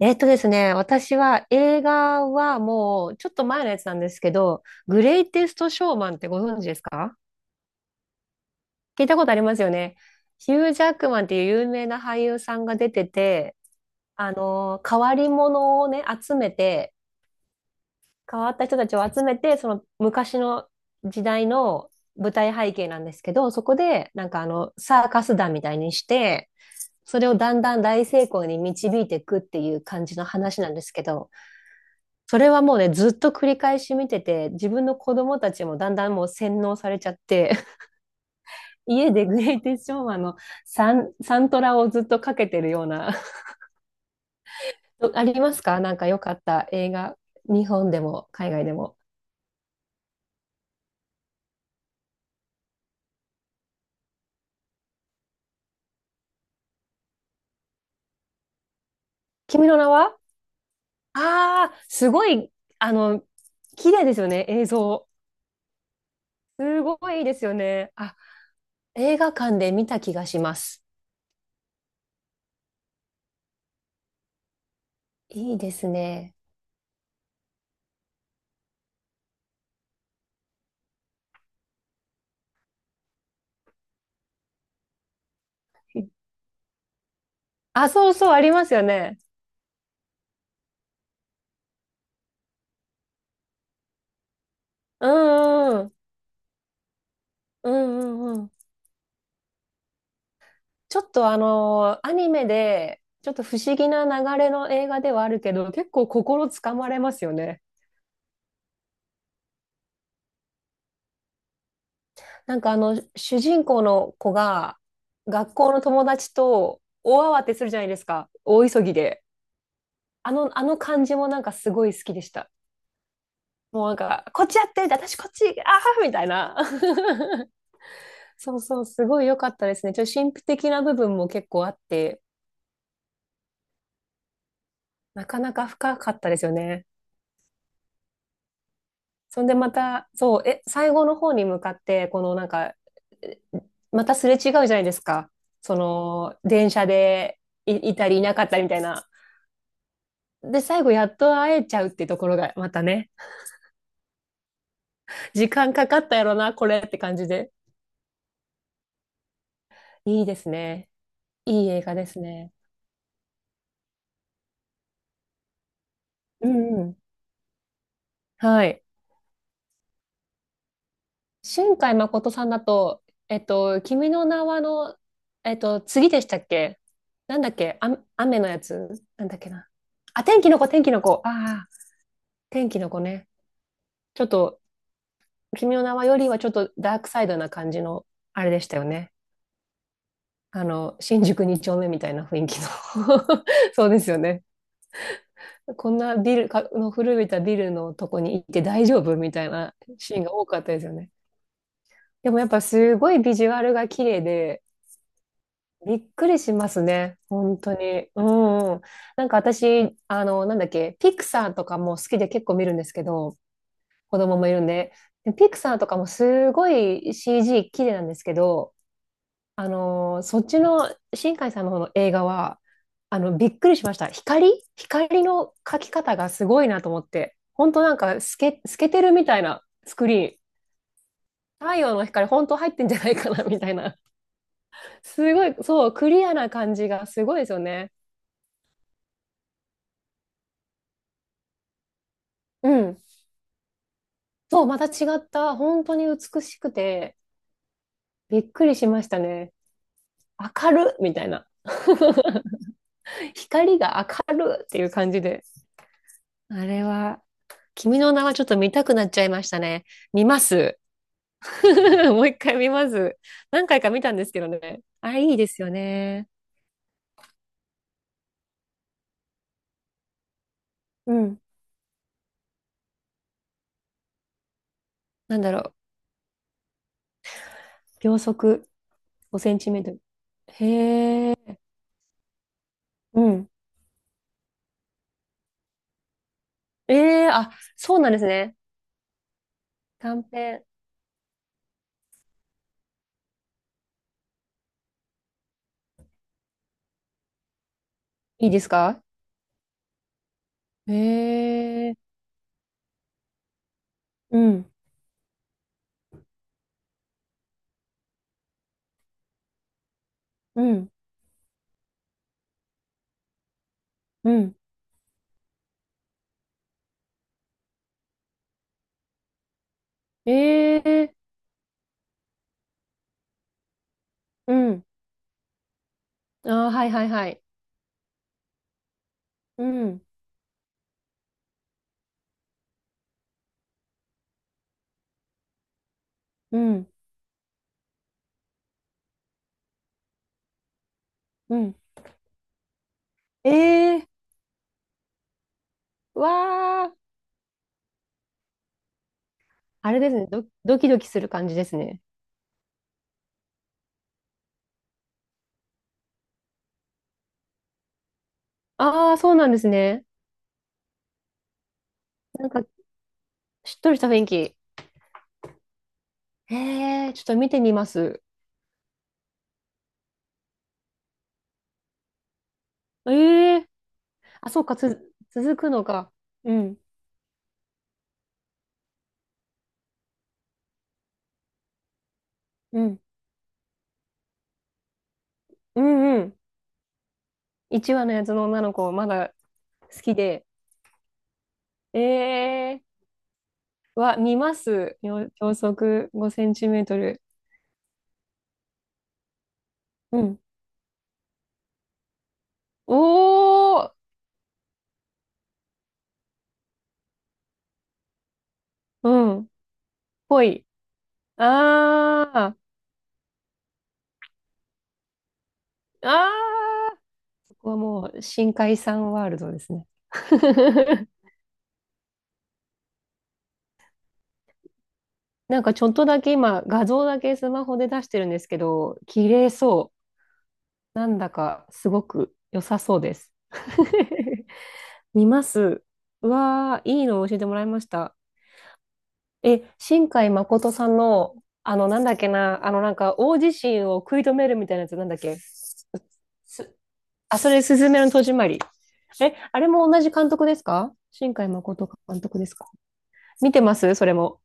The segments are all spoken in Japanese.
えっとですね、私は映画はもうちょっと前のやつなんですけど、グレイテスト・ショーマンってご存知ですか？聞いたことありますよね。ヒュー・ジャックマンっていう有名な俳優さんが出てて、変わり者をね、集めて、変わった人たちを集めて、その昔の時代の舞台背景なんですけど、そこでなんかあのサーカス団みたいにして、それをだんだん大成功に導いていくっていう感じの話なんですけど、それはもうね、ずっと繰り返し見てて、自分の子供たちもだんだんもう洗脳されちゃって、家でグレイテストショーマンのサントラをずっとかけてるような。ありますかなんか良かった映画。日本でも海外でも。君の名はああ、すごい、あの、綺麗ですよね、映像。すごいいいですよね。あ、映画館で見た気がします。いいですね。あ、そうそう、ありますよね。うんうんうん。うんうんうん。ちょっとあのアニメで、ちょっと不思議な流れの映画ではあるけど、結構心つかまれますよね。なんかあの、主人公の子が、学校の友達と大慌てするじゃないですか。大急ぎで。あの感じもなんかすごい好きでした。もうなんか、こっちやってみたい、私こっち、あーみたいな。そうそう、すごい良かったですね。ちょっと神秘的な部分も結構あって、なかなか深かったですよね。そんでまた、そう、最後の方に向かって、このなんか、えまたすれ違うじゃないですか。その、電車でいたりいなかったりみたいな。で、最後やっと会えちゃうっていうところが、またね、時間かかったやろな、これって感じで。いいですね。いい映画ですね。うんうん。はい。新海誠さんだと、君の名はの、次でしたっけ？なんだっけあ、雨のやつなんだっけな。あ、天気の子、天気の子。ああ、天気の子ね。ちょっと、君の名はよりはちょっとダークサイドな感じの、あれでしたよね。新宿二丁目みたいな雰囲気の そうですよね。こんなビルか、の古びたビルのとこに行って大丈夫みたいなシーンが多かったですよね。でもやっぱすごいビジュアルが綺麗で、びっくりしますね。本当に。うんうん。なんか私、なんだっけ、ピクサーとかも好きで結構見るんですけど、子供もいるんで。でピクサーとかもすごい CG 綺麗なんですけど、そっちの新海さんの方の映画は、びっくりしました。光の描き方がすごいなと思って。本当なんか透けてるみたいなスクリーン。太陽の光本当入ってんじゃないかなみたいな。すごい、そう、クリアな感じがすごいですよね。うん。そう、また違った、本当に美しくて、びっくりしましたね。明るみたいな。光が明るっていう感じで。あれは、君の名はちょっと見たくなっちゃいましたね。見ます。もう一回見ます。何回か見たんですけどね。あれいいですよね。うん。なんだろう。秒速5センチメートル。へえ。うん。ええあ、そうなんですね。短編。いいですか？ええうん、うん、うん。ええうん。あー、はいはいはい。うん、うん、うん。ええわあ、あれですね。ドキドキする感じですね。ああ、そうなんですね。なんか、しっとりした雰囲気。ええちょっと見てみます。ええあ、そうか、続くのか。うん、うん、うん、うん。1話のやつの女の子、まだ好きで。ええは見ます。秒速5センチメートル。うん。おーうん。ぽい。あー。あー。ここはもう深海さんワールドですね。なんかちょっとだけ今画像だけスマホで出してるんですけど、綺麗そう。なんだかすごく良さそうです。見ます。うわー、いいの教えてもらいました。新海誠さんの、あの、なんだっけな、なんか、大地震を食い止めるみたいなやつ、なんだっけ。あ、それ、すずめの戸締まり。え、あれも同じ監督ですか？新海誠監督ですか？見てますそれも。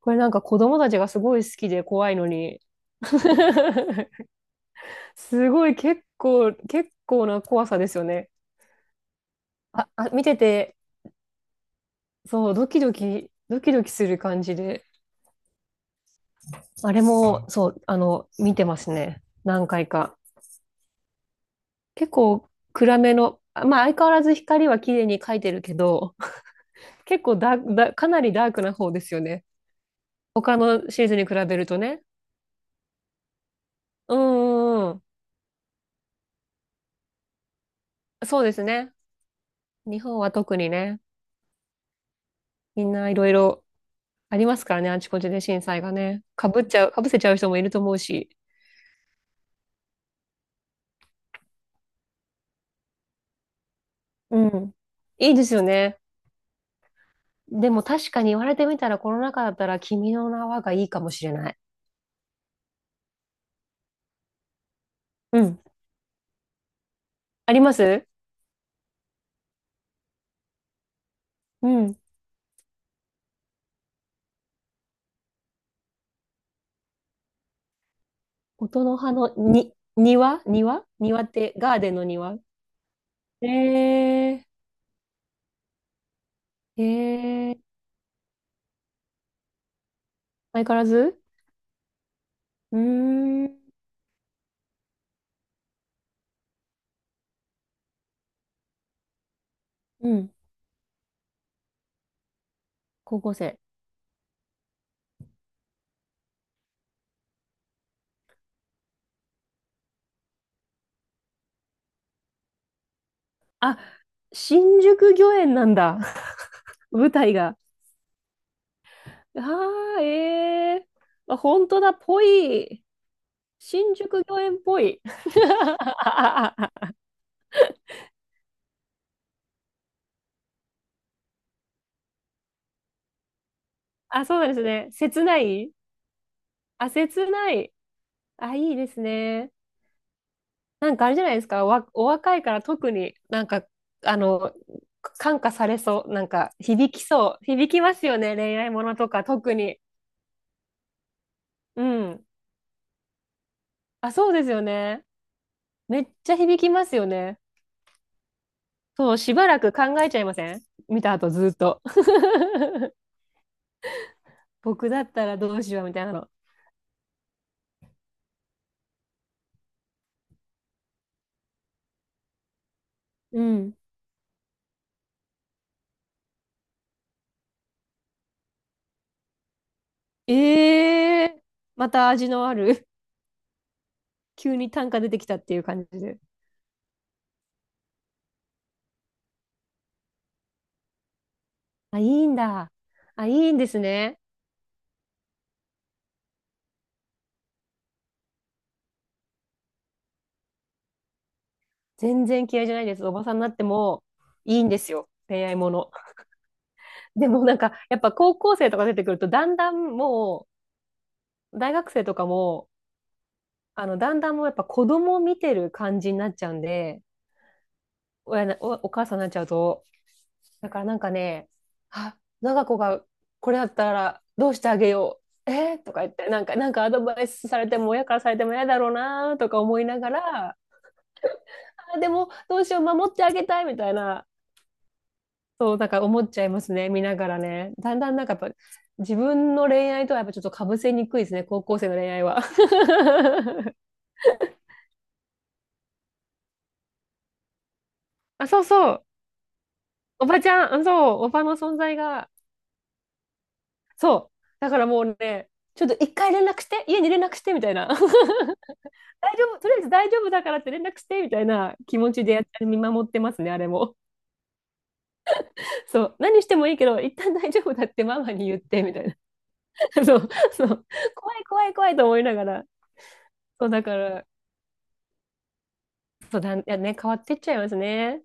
これなんか子供たちがすごい好きで怖いのに。すごい結構、結構な怖さですよね。あ、見てて、そう、ドキドキ、ドキドキする感じで。あれも、そう、あの、見てますね。何回か。結構暗めの、あまあ相変わらず光は綺麗に描いてるけど、結構ダーク、ダーかなりダークな方ですよね。他のシリーズに比べるとね。うんうんうん。そうですね。日本は特にね、みんないろいろありますからね、あちこちで震災がね。かぶっちゃう、かぶせちゃう人もいると思うし。うん。いいですよね。でも確かに言われてみたらコロナ禍だったら君の名はがいいかもしれない。うん。あります？うん。音の葉のに、庭庭庭って、ガーデンの庭えー、えー、相変わらずうーん、うん、高校生。あ、新宿御苑なんだ。舞台が。ああ、ええー。あ、本当だ、ぽい。新宿御苑っぽい。あ、そうなんですね。切ない。あ、切ない。あ、いいですね。なんかあれじゃないですか、お若いから特になんか、あの、感化されそう、なんか響きそう、響きますよね、恋愛ものとか特に。うん。あ、そうですよね。めっちゃ響きますよね。そう、しばらく考えちゃいません？見た後ずっと。僕だったらどうしようみたいなの。うん。ええーまた味のある 急に単価出てきたっていう感じで。あ、いいんだ。あ、いいんですね。全然嫌いじゃないです。おばさんになってもいいんですよ。恋愛もの。でもなんか、やっぱ高校生とか出てくると、だんだんもう、大学生とかも、あの、だんだんもうやっぱ子供見てる感じになっちゃうんで、親な、お、お母さんになっちゃうと。だからなんかね、あ、長子がこれだったらどうしてあげよう。えーとか言って、なんか、なんかアドバイスされても、親からされても嫌だろうなとか思いながら、あ、でもどうしよう、守ってあげたいみたいな。そう、だから思っちゃいますね、見ながらね。だんだんなんかやっぱ、自分の恋愛とはやっぱちょっとかぶせにくいですね、高校生の恋愛は。あ、そうそう。おばちゃん、うんそう、おばの存在が、そう。だからもうね、ちょっと一回連絡して、家に連絡して、みたいな。大丈夫、とりあえず大丈夫だからって連絡して、みたいな気持ちでやっ見守ってますね、あれも。そう。何してもいいけど、一旦大丈夫だってママに言って、みたいな。そう、そう。怖い怖い怖いと思いながら。そう、だから、そうだいやね、変わってっちゃいますね。